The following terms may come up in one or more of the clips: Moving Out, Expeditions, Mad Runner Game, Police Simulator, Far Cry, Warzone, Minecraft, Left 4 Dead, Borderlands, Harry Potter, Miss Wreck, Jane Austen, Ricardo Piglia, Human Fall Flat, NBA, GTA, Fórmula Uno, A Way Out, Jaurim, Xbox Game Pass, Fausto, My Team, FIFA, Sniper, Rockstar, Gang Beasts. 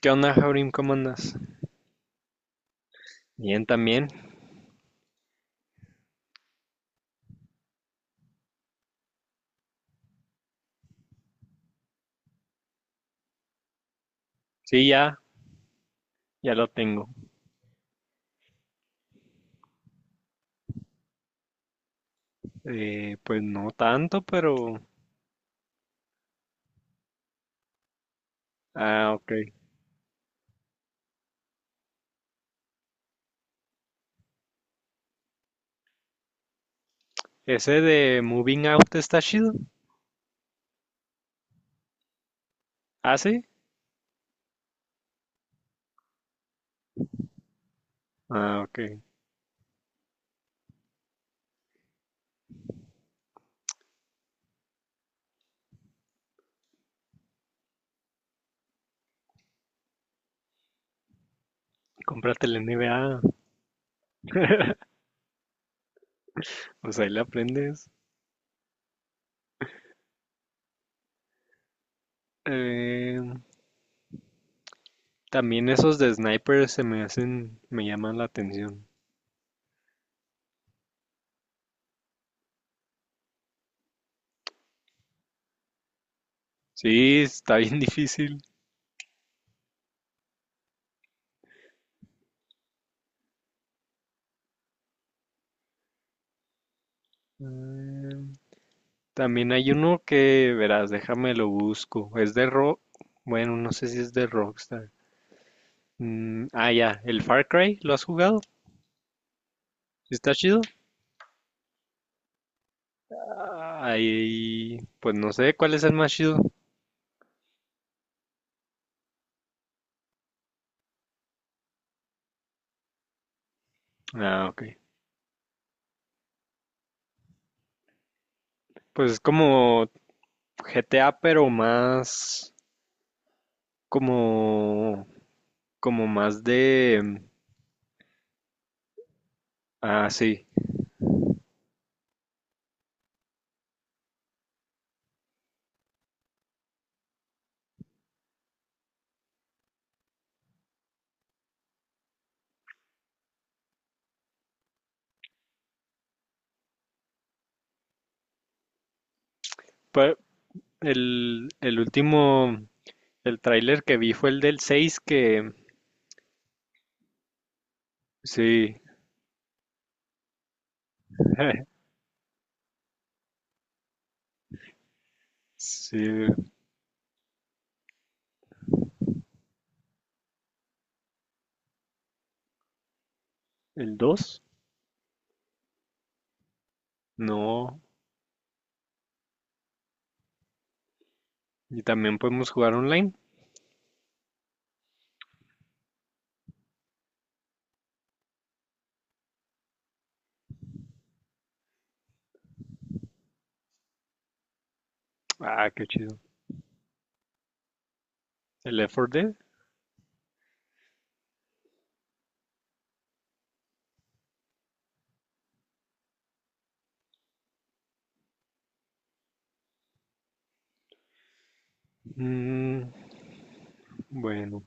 ¿Qué onda, Jaurim? ¿Cómo andas? Bien, también. Sí, ya, ya lo tengo. Pues no tanto, pero... Ah, ok. Ese de Moving Out está chido. ¿Ah, sí? Ah, ok. Cómprate el NBA. Pues ahí le aprendes. Eh, También esos de Sniper se me hacen, me llaman la atención. Sí, está bien difícil. Eh, También hay uno que, verás, déjame lo busco. Es de Rock. Bueno, no sé si es de Rockstar. Mm, ah, ya, el Far Cry, ¿lo has jugado? ¿Está chido? Ay, pues no sé cuál es el más chido. Ah, ok. Pues es como GTA, pero más como como más de ah, sí. Pues el último el tráiler que vi fue el del 6 que sí. Sí, el 2. No, y también podemos jugar online. Ah, qué chido. El Left 4 Dead. Mm, bueno,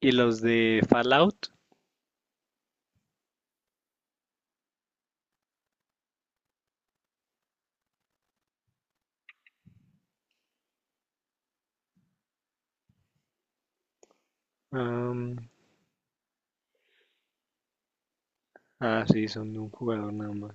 y los de Fallout. am, ah, sí, son de un jugador nada más.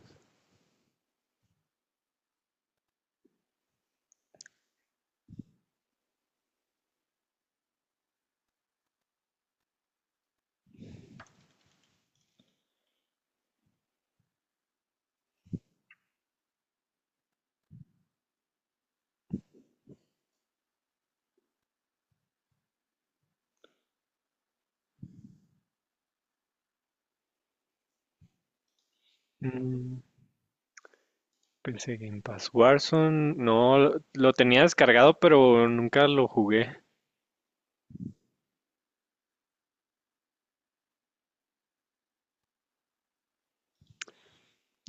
Mm, pensé Game Pass. Warzone, no, tenía descargado, pero nunca lo jugué.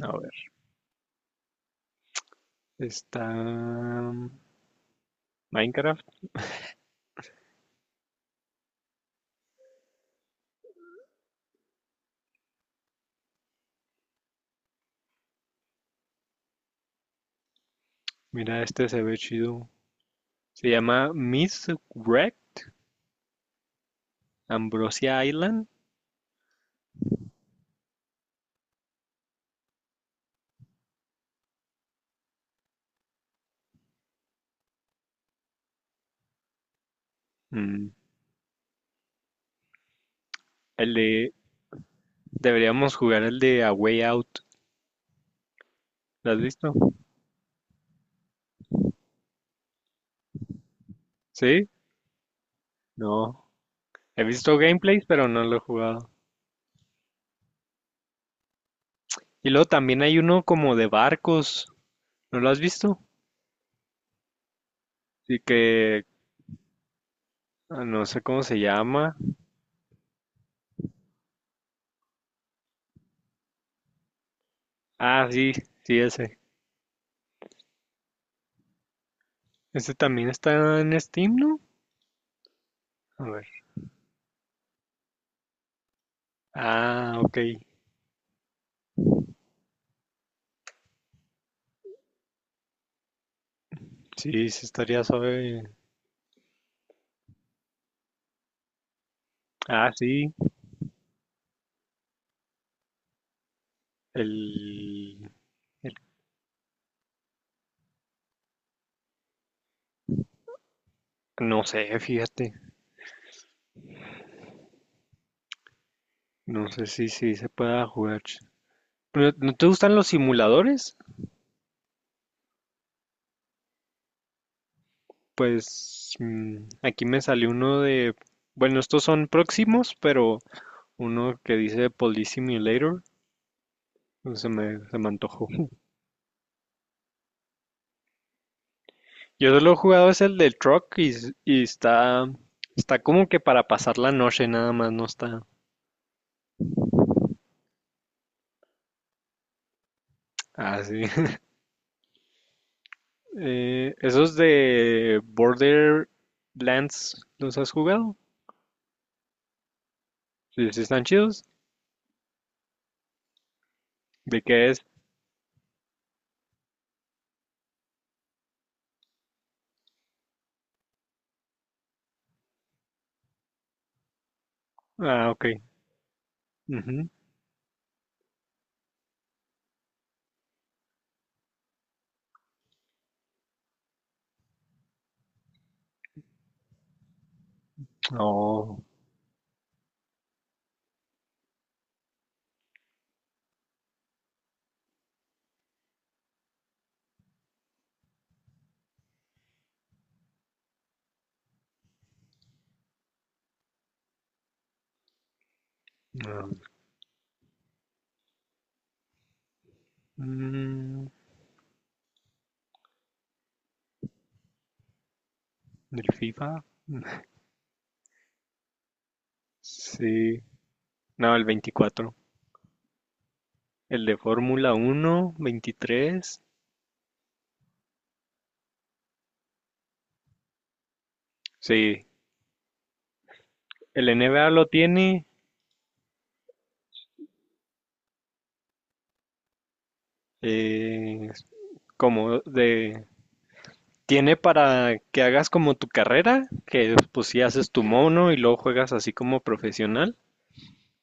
A ver, está mm, Minecraft. Mira, este se ve chido. Se llama Miss Wreck, Ambrosia Island. Mm, el de, deberíamos jugar el de A Way Out. ¿Lo has visto? ¿Sí? No. He visto gameplays, pero no lo he jugado. Y luego también hay uno como de barcos. ¿No lo has visto? Sí que ah, no sé cómo se llama. Ah, sí, sí, ese. Ese también está en Steam, ¿no? A ver. Ah, ok. Sí, sí estaría suave. Ah, sí. El, el- No sé, fíjate. No sé si se pueda jugar. ¿No, no te gustan los simuladores? Pues mm, aquí me salió uno de... Bueno, estos son próximos, pero uno que dice Police Simulator. Se me antojó. Yo solo he jugado es el del truck y está, está como que para pasar la noche nada más, no está así. Esos de Borderlands, ¿los has jugado? Sí, sí están chidos. ¿De qué es? Ah, ok. Ujú. Oh, no. Mm, ¿del FIFA? Sí. No, el 24. El de Fórmula 1 23. Sí. El NBA lo tiene. Eh, como de Tiene para que hagas como tu carrera, que pues si haces tu mono y luego juegas así como profesional.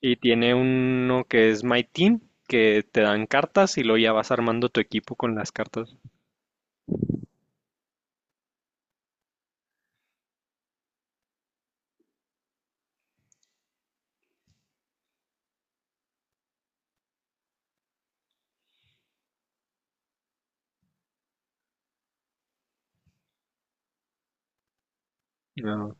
Y tiene uno que es My Team, que te dan cartas y luego ya vas armando tu equipo con las cartas. No.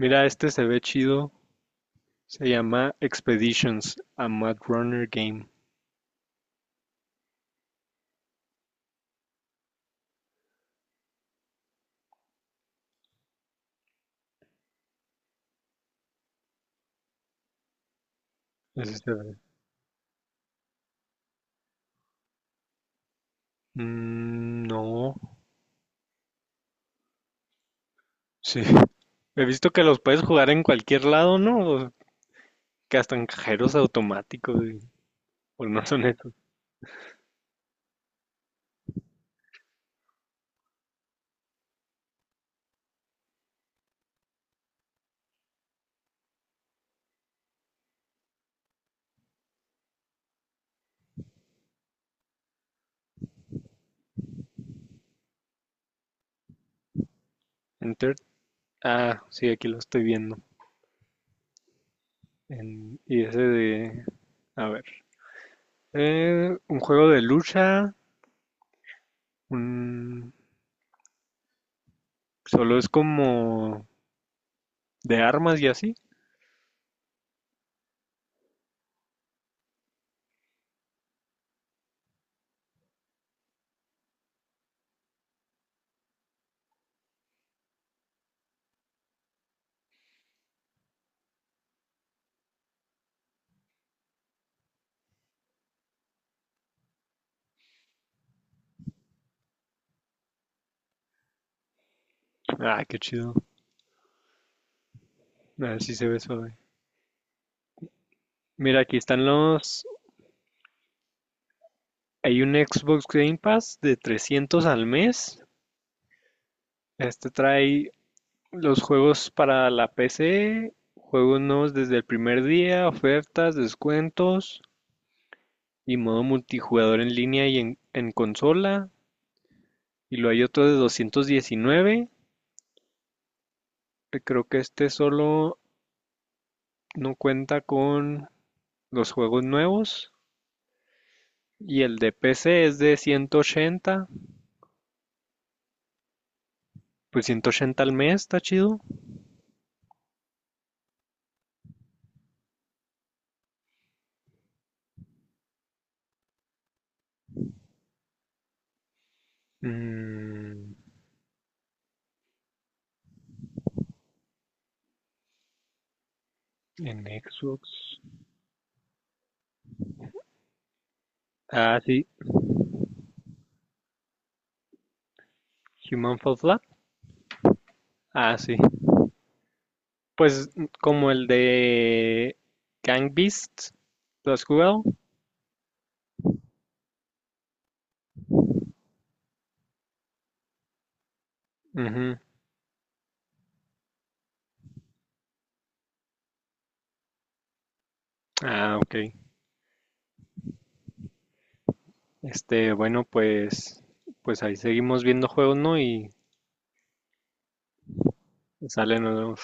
Mira, este se ve chido. Se llama Expeditions, a Mad Runner Game. Ese se ve. Mm, no, sí. He visto que los puedes jugar en cualquier lado, ¿no? Que hasta en cajeros automáticos. O no son estos. Enter. Ah, sí, aquí lo estoy viendo. En- y ese de... A ver. Un juego de lucha. Un... Solo es como de armas y así. Ah, qué chido. A ver si se ve suave. Mira, aquí están los... Hay un Xbox Game Pass de 300 al mes. Este trae los juegos para la PC, juegos nuevos desde el primer día, ofertas, descuentos y modo multijugador en línea en consola. Y luego hay otro de 219 que creo que este solo no cuenta con los juegos nuevos. Y el de PC es de 180. Pues 180 al mes, está chido. Mm, en Xbox. Ah, sí. Human Fall Flat. Ah, sí. Pues mm, como el de Gang Beasts. ¿Lo has jugado? Ujú. Ah, ok. Bueno, pues, pues ahí seguimos viendo juegos, ¿no? Y salen los